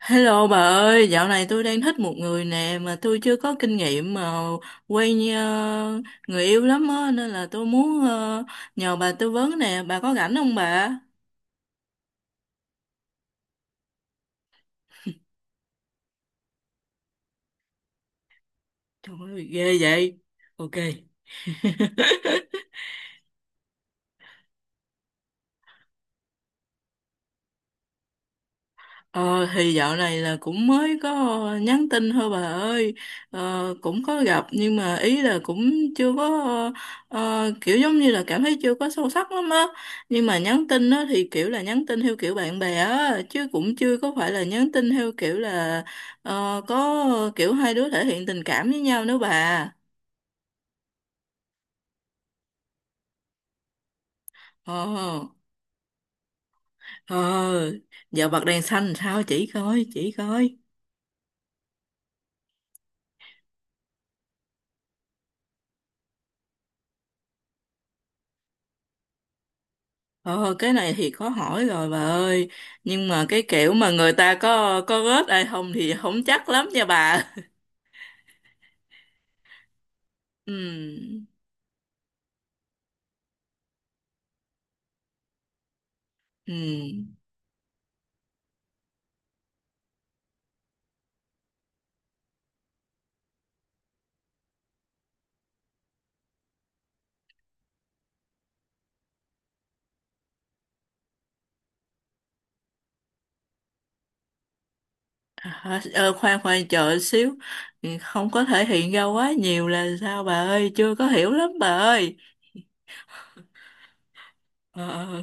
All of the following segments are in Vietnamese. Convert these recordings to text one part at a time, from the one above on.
Hello bà ơi, dạo này tôi đang thích một người nè mà tôi chưa có kinh nghiệm mà quen người yêu lắm á nên là tôi muốn nhờ bà tư vấn nè, bà có rảnh không bà? Trời ơi, ghê vậy. Ok. Ờ thì dạo này là cũng mới có nhắn tin thôi bà ơi, cũng có gặp nhưng mà ý là cũng chưa có, kiểu giống như là cảm thấy chưa có sâu sắc lắm á, nhưng mà nhắn tin á thì kiểu là nhắn tin theo kiểu bạn bè á chứ cũng chưa có phải là nhắn tin theo kiểu là có kiểu hai đứa thể hiện tình cảm với nhau nữa bà. Ờ, ờ, giờ bật đèn xanh sao chỉ coi chỉ coi. Ờ, cái này thì khó hỏi rồi bà ơi. Nhưng mà cái kiểu mà người ta có rớt ai không thì không chắc lắm nha bà. Ừ, ừ. À, ờ, khoan khoan chờ xíu. Ừ, không có thể hiện ra quá nhiều là sao bà ơi? Chưa có hiểu lắm bà ơi. Ờ, ờ,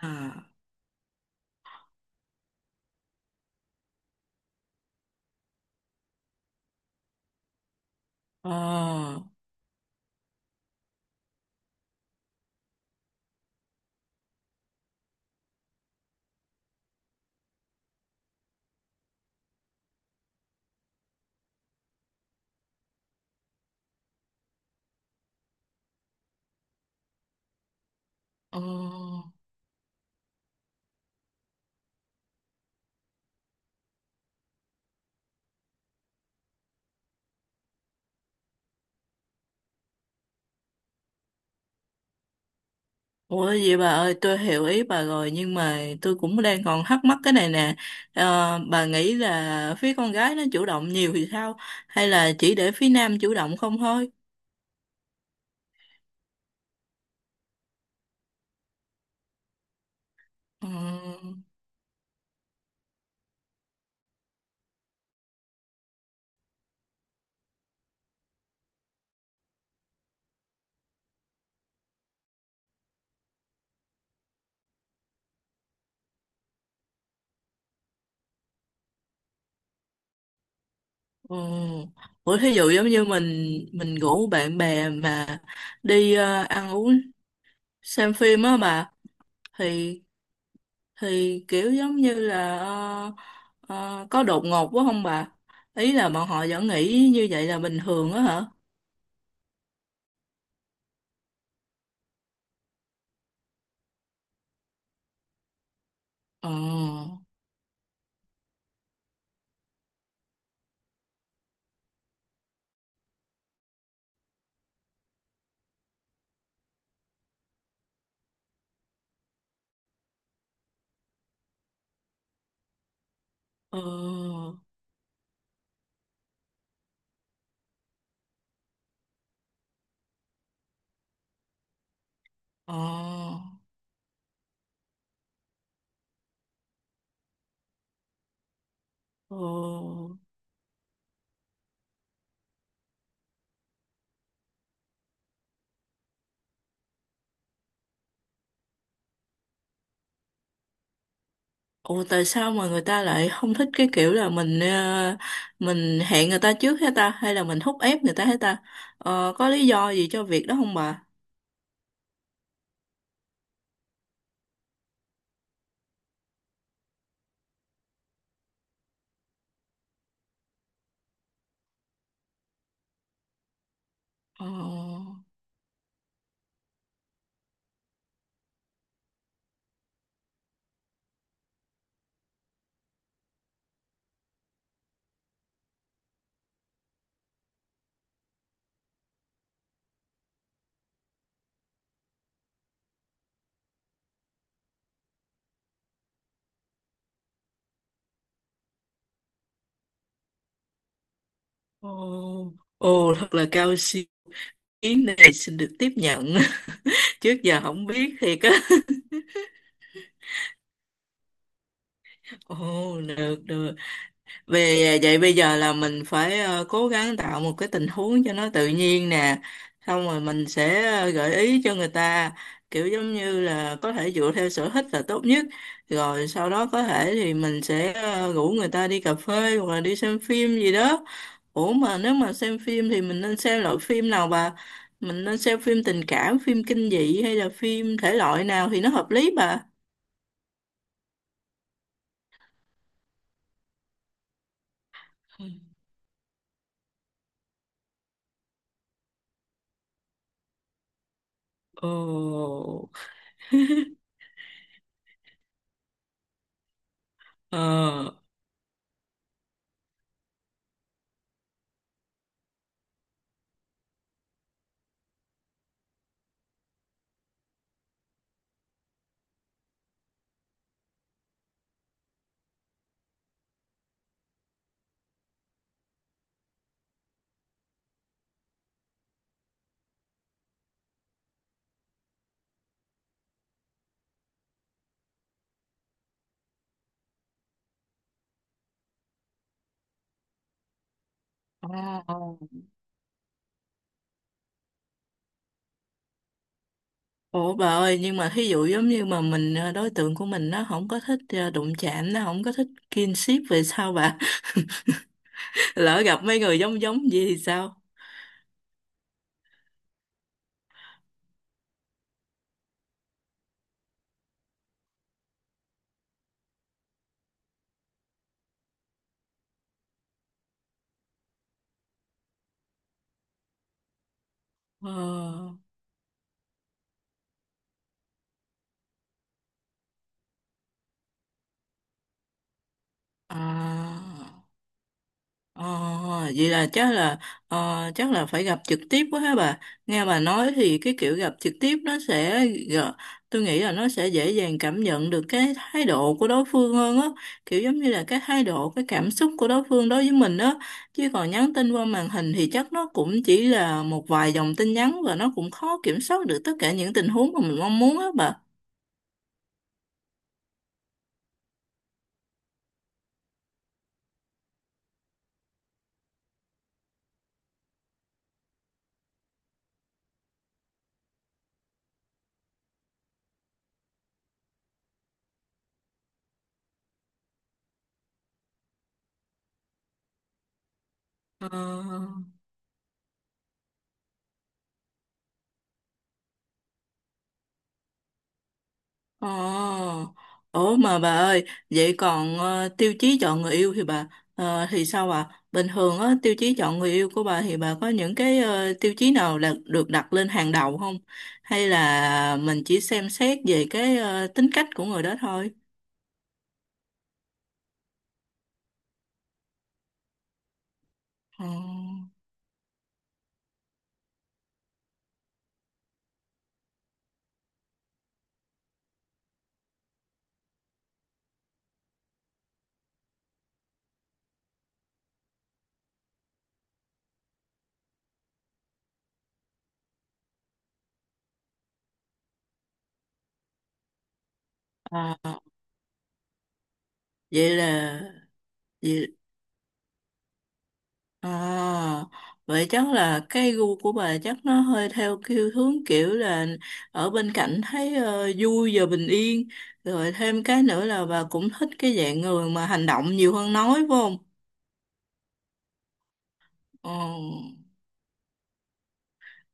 à, ờ, ờ. Ủa vậy bà ơi, tôi hiểu ý bà rồi nhưng mà tôi cũng đang còn thắc mắc cái này nè. Ờ, bà nghĩ là phía con gái nó chủ động nhiều thì sao, hay là chỉ để phía nam chủ động không thôi? Ờ, ờ. Ủa thí dụ giống như mình rủ bạn bè mà đi, ăn uống, xem phim á bà, thì kiểu giống như là có đột ngột quá không bà? Ý là bọn họ vẫn nghĩ như vậy là bình thường á hả? Ờ, ờ. Ồ, ồ, ồ, tại sao mà người ta lại không thích cái kiểu là mình, mình hẹn người ta trước hết ta hay là mình thúc ép người ta hết ta? Ờ, có lý do gì cho việc đó không bà? Ồ, ồ, ồ, thật là cao siêu, ý này xin được tiếp nhận. Trước giờ không biết thiệt á. Ồ, được, được. Về vậy bây giờ là mình phải, cố gắng tạo một cái tình huống cho nó tự nhiên nè. Xong rồi mình sẽ, gợi ý cho người ta, kiểu giống như là có thể dựa theo sở thích là tốt nhất. Rồi sau đó có thể thì mình sẽ, rủ người ta đi cà phê hoặc là đi xem phim gì đó. Ủa mà nếu mà xem phim thì mình nên xem loại phim nào bà? Mình nên xem phim tình cảm, phim kinh dị hay là phim thể loại nào thì nó hợp lý bà? Ồ. Ờ. Ờ. Ủa bà ơi, nhưng mà thí dụ giống như mà mình, đối tượng của mình nó không có thích, đụng chạm, nó không có thích kinship về sao bà? Lỡ gặp mấy người giống giống gì thì sao? Ờ, à. Ờ, vậy là chắc là, chắc là phải gặp trực tiếp quá ha bà. Nghe bà nói thì cái kiểu gặp trực tiếp nó sẽ gờ- tôi nghĩ là nó sẽ dễ dàng cảm nhận được cái thái độ của đối phương hơn á, kiểu giống như là cái thái độ, cái cảm xúc của đối phương đối với mình á. Chứ còn nhắn tin qua màn hình thì chắc nó cũng chỉ là một vài dòng tin nhắn và nó cũng khó kiểm soát được tất cả những tình huống mà mình mong muốn á bà. Ờ. Ồ, ủa mà bà ơi, vậy còn tiêu chí chọn người yêu thì bà, thì sao ạ? Bình thường á, tiêu chí chọn người yêu của bà thì bà có những cái, tiêu chí nào là được đặt lên hàng đầu không? Hay là mình chỉ xem xét về cái, tính cách của người đó thôi? Ờ, à, vậy là vậy. À, vậy chắc là cái gu của bà chắc nó hơi theo kiểu hướng kiểu là ở bên cạnh thấy, vui và bình yên. Rồi thêm cái nữa là bà cũng thích cái dạng người mà hành động nhiều hơn nói phải không? Ờ,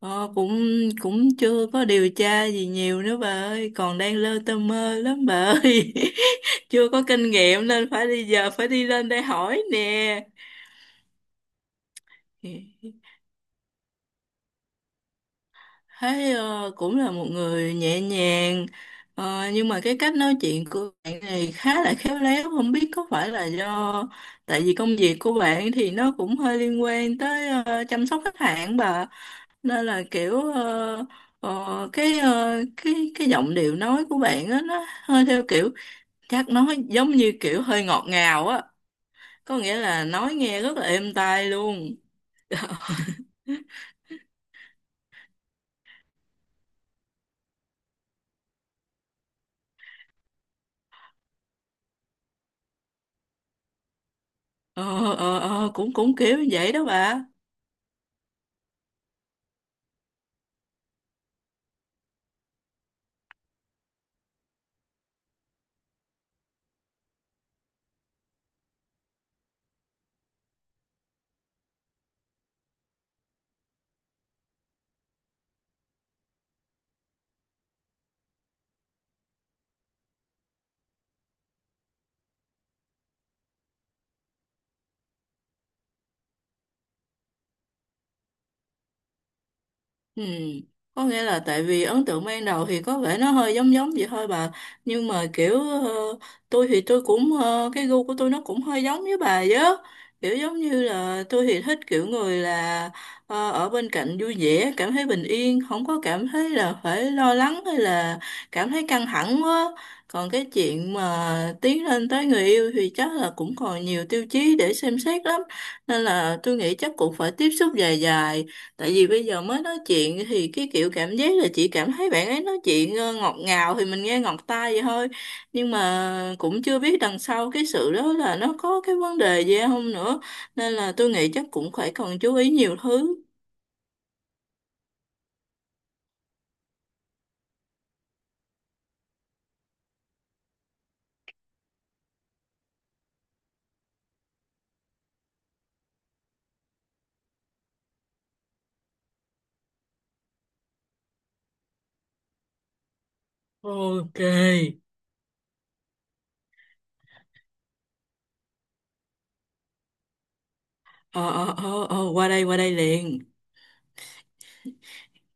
ờ, cũng cũng chưa có điều tra gì nhiều nữa bà ơi, còn đang lơ tơ mơ lắm bà ơi. Chưa có kinh nghiệm nên phải đi giờ phải đi lên đây hỏi nè. Thấy cũng là một người nhẹ nhàng, nhưng mà cái cách nói chuyện của bạn này khá là khéo léo, không biết có phải là do tại vì công việc của bạn thì nó cũng hơi liên quan tới, chăm sóc khách hàng bà, nên là kiểu, cái, cái giọng điệu nói của bạn á nó hơi theo kiểu, chắc nói giống như kiểu hơi ngọt ngào á, có nghĩa là nói nghe rất là êm tai luôn. Ờ, ờ, ờ, cũng cũng kiểu như vậy đó bà. Ừ. Có nghĩa là tại vì ấn tượng ban đầu thì có vẻ nó hơi giống giống vậy thôi bà, nhưng mà kiểu, tôi thì tôi cũng, cái gu của tôi nó cũng hơi giống với bà vậy á, kiểu giống như là tôi thì thích kiểu người là, ở bên cạnh vui vẻ cảm thấy bình yên, không có cảm thấy là phải lo lắng hay là cảm thấy căng thẳng quá. Còn cái chuyện mà tiến lên tới người yêu thì chắc là cũng còn nhiều tiêu chí để xem xét lắm, nên là tôi nghĩ chắc cũng phải tiếp xúc dài dài. Tại vì bây giờ mới nói chuyện thì cái kiểu cảm giác là chị cảm thấy bạn ấy nói chuyện, ngọt ngào thì mình nghe ngọt tai vậy thôi. Nhưng mà cũng chưa biết đằng sau cái sự đó là nó có cái vấn đề gì không nữa. Nên là tôi nghĩ chắc cũng phải cần chú ý nhiều thứ. Ok. Ờ, ờ, ờ, ờ, qua đây liền.